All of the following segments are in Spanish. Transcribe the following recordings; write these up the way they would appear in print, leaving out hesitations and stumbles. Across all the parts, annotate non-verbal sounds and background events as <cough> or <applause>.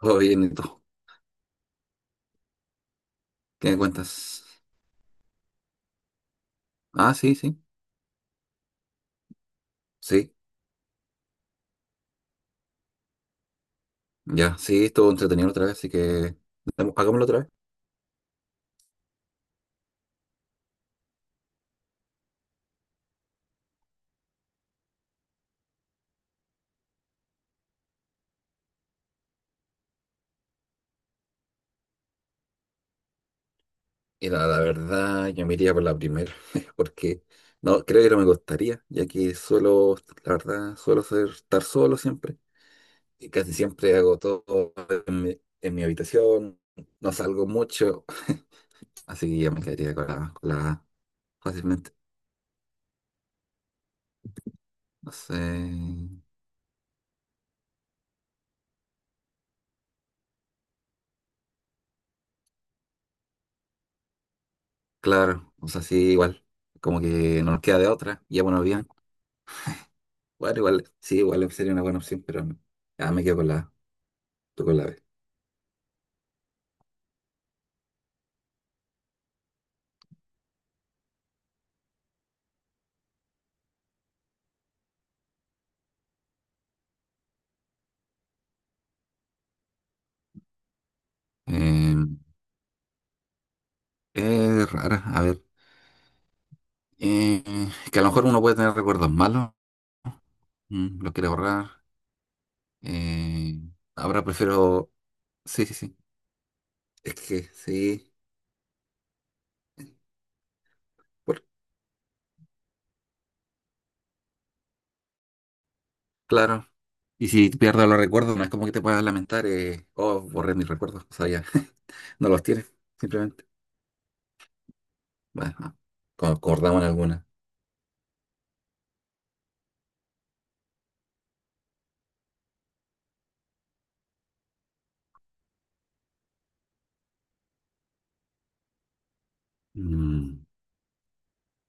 Todo bien, ¿y tú? ¿Qué me cuentas? Ah, sí, sí, sí, ya, sí, estuvo entretenido otra vez, así que hagámoslo otra vez. Y la verdad, yo me iría por la primera, <laughs> porque no, creo que no me gustaría, ya que suelo, la verdad, suelo ser, estar solo siempre, y casi siempre hago todo en mi habitación, no salgo mucho, <laughs> así que yo me quedaría con la A fácilmente. No sé, claro, o sea, sí, igual, como que no nos queda de otra, ya bueno, bien. Bueno, igual, sí, igual sería una buena opción, pero no. Ah, me quedo con la A, tú con la B. Eh, es rara, a ver. eh, que a lo mejor uno puede tener recuerdos malos, lo quiere borrar. eh, Ahora prefiero. Sí, sí, sí. Es que sí, por- claro. Y si pierdo los recuerdos, no es como que te puedas lamentar, oh, borré mis recuerdos, o sea, ya. <laughs> No los tienes, simplemente. Bueno, ah, acordamos en alguna. Mm,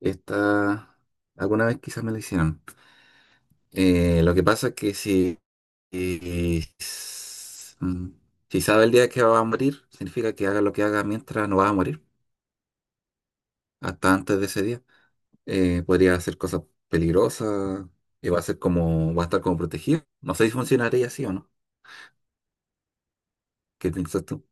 Esta, alguna vez quizás me la hicieron. Lo que pasa es que si, mm, si sabe el día que va a morir, significa que haga lo que haga mientras no va a morir, hasta antes de ese día. Podría hacer cosas peligrosas y va a ser como, va a estar como protegido. No sé si funcionaría así o no. ¿Qué piensas tú?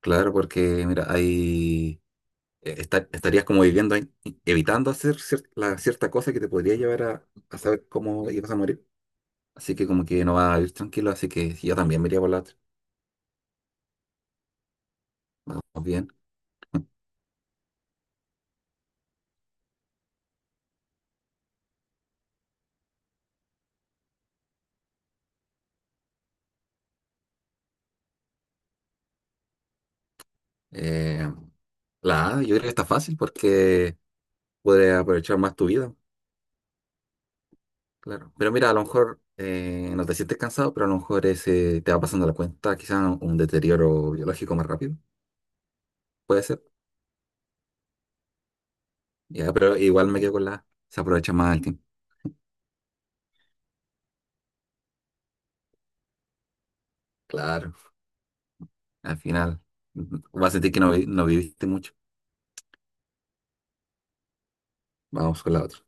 Claro, porque mira, ahí estarías como viviendo ahí, evitando hacer la cierta cosa que te podría llevar a saber cómo ibas a morir. Así que como que no vas a vivir tranquilo, así que yo también me iría por la otra. Vamos bien. Eh, la A, yo creo que está fácil porque puedes aprovechar más tu vida, claro. Pero mira, a lo mejor no te sientes cansado, pero a lo mejor ese te va pasando la cuenta, quizás un deterioro biológico más rápido, puede ser. Ya, pero igual me quedo con la A, se aprovecha más el tiempo. Claro, al final vas a sentir que no, no viviste mucho. Vamos con la otra.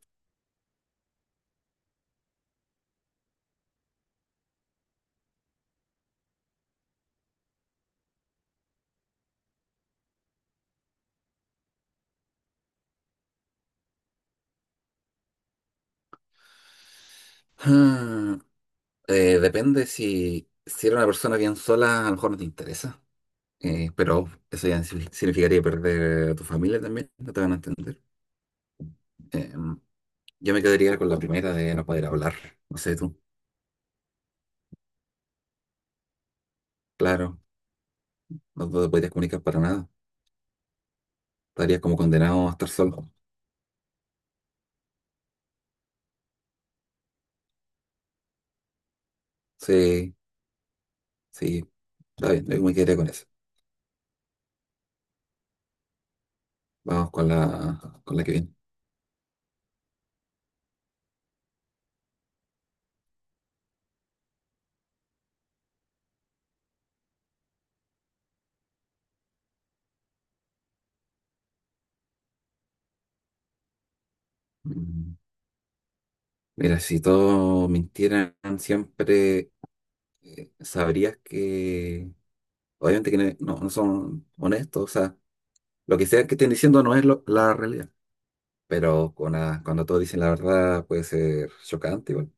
Ah, depende si eres una persona bien sola, a lo mejor no te interesa. Pero eso ya significaría perder a tu familia también, no te van a entender. Eh, yo me quedaría con la primera de no poder hablar, no sé tú, claro, no te podrías comunicar para nada, estarías como condenado a estar solo. Sí, sí, está bien, yo me quedaría con eso. Vamos con la que viene. Mm, Mira, si todos mintieran siempre, sabrías que obviamente que no, no son honestos, o sea, lo que sea que estén diciendo no es la realidad. Pero con cuando todos dicen la verdad puede ser chocante igual.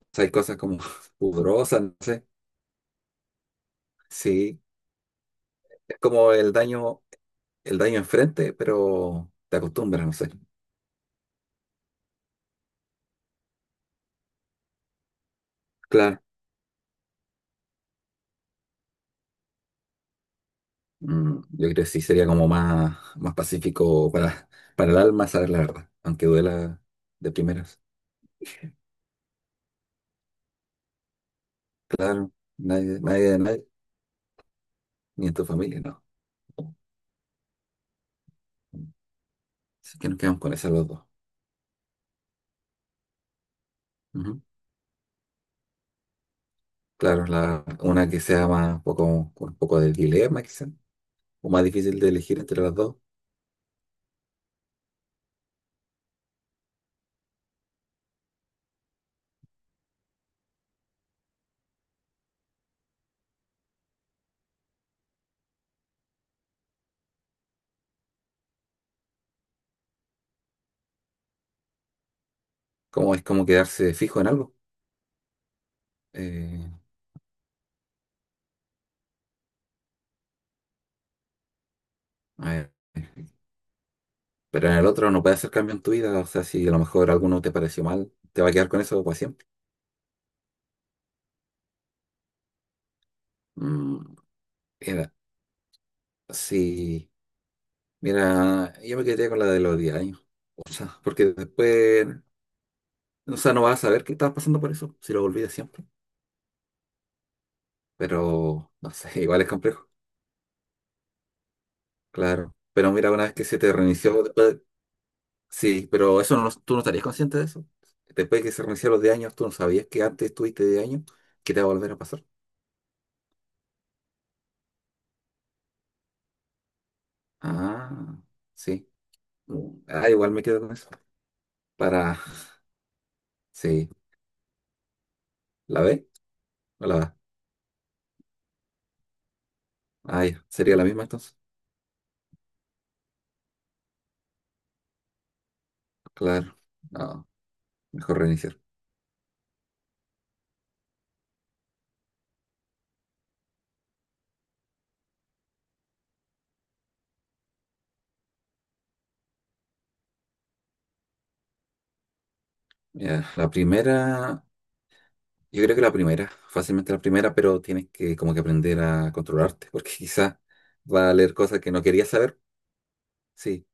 O sea, hay cosas como <laughs> pudorosas, no sé. Sí, es como el daño enfrente, pero te acostumbras, no sé. Claro, yo creo que sí sería como más, más pacífico para el alma saber la verdad, aunque duela de primeras. Claro, nadie, nadie de nadie, ni en tu familia, no. Así que nos quedamos con esas los dos. Ujú. Claro, una que sea más, poco, con un poco de dilema, quizá. O más difícil de elegir entre las dos, como es como quedarse fijo en algo. Eh, a ver, pero en el otro no puedes hacer cambio en tu vida, o sea, si a lo mejor alguno te pareció mal, te va a quedar con eso para siempre. Mm, mira, sí, mira, yo me quedé con la de los 10 años, o sea, porque después, o sea, no vas a saber qué estás pasando por eso, si lo olvidas siempre, pero no sé, <laughs> igual es complejo, claro. Pero mira, una vez que se te reinició, sí, pero eso no, tú no estarías consciente de eso. Después de que se reiniciaron los de años, tú no sabías que antes estuviste de años, que te va a volver a pasar. Ah, sí. Ah, igual me quedo con eso. Para, sí, ¿la B o la A? Ah, ya. ¿Sería la misma entonces? Claro. No, mejor reiniciar. Ya, la primera, yo creo que la primera, fácilmente la primera, pero tienes que como que aprender a controlarte, porque <laughs> quizá va a leer cosas que no querías saber. Sí.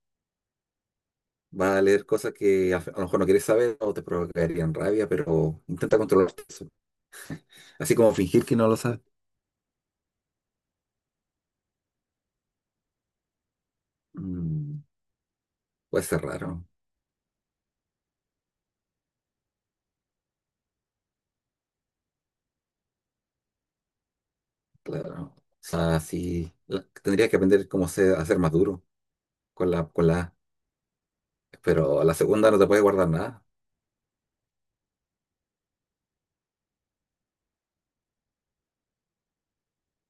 Vas a leer cosas que a lo mejor no quieres saber o te provocarían rabia, pero intenta controlar eso. Así como fingir que no lo sabes. Mm, Puede ser raro, claro. O sea, sí, tendrías que aprender cómo ser, a ser más duro con la A. Pero a la segunda no te puedes guardar nada,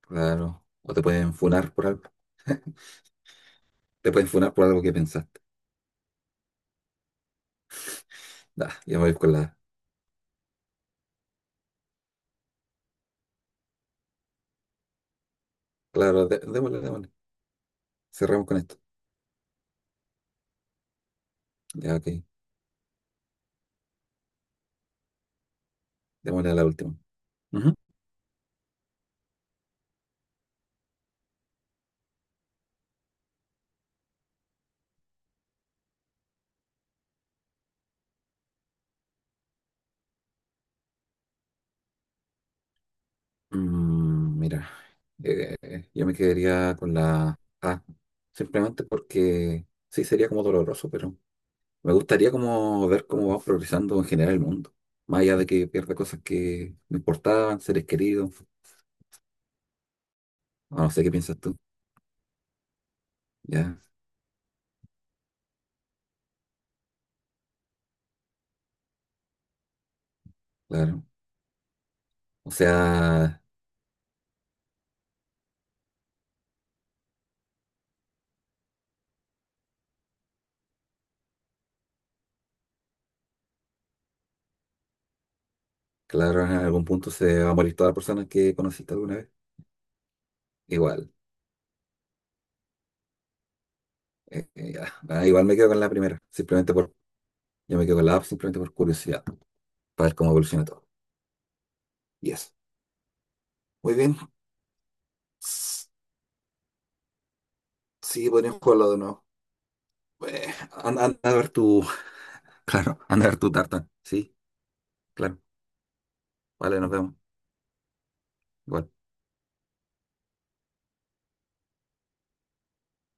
claro. O te pueden funar por algo. <laughs> Te pueden funar por algo que pensaste. Nah, ya voy con la... Claro, démosle, démosle. Cerramos con esto. Ya, ok. Démosle a la última. Ujú. Mira, yo me quedaría con la A, simplemente porque sí sería como doloroso, pero me gustaría como ver cómo va progresando en general el mundo, más allá de que pierda cosas que me importaban, seres queridos, o no sé qué piensas tú, ya, claro. O sea, claro, en algún punto se va a morir toda la persona que conociste alguna vez, igual, ya. Ah, igual me quedo con la primera, simplemente por, yo me quedo con la A, simplemente por curiosidad, para ver cómo evoluciona todo. Y eso. Muy bien. Sí, podrían jugarlo de nuevo. Eh, anda, anda a ver tu, <laughs> claro, anda a ver tu tarta. Sí, claro. Vale, nos vemos. Igual.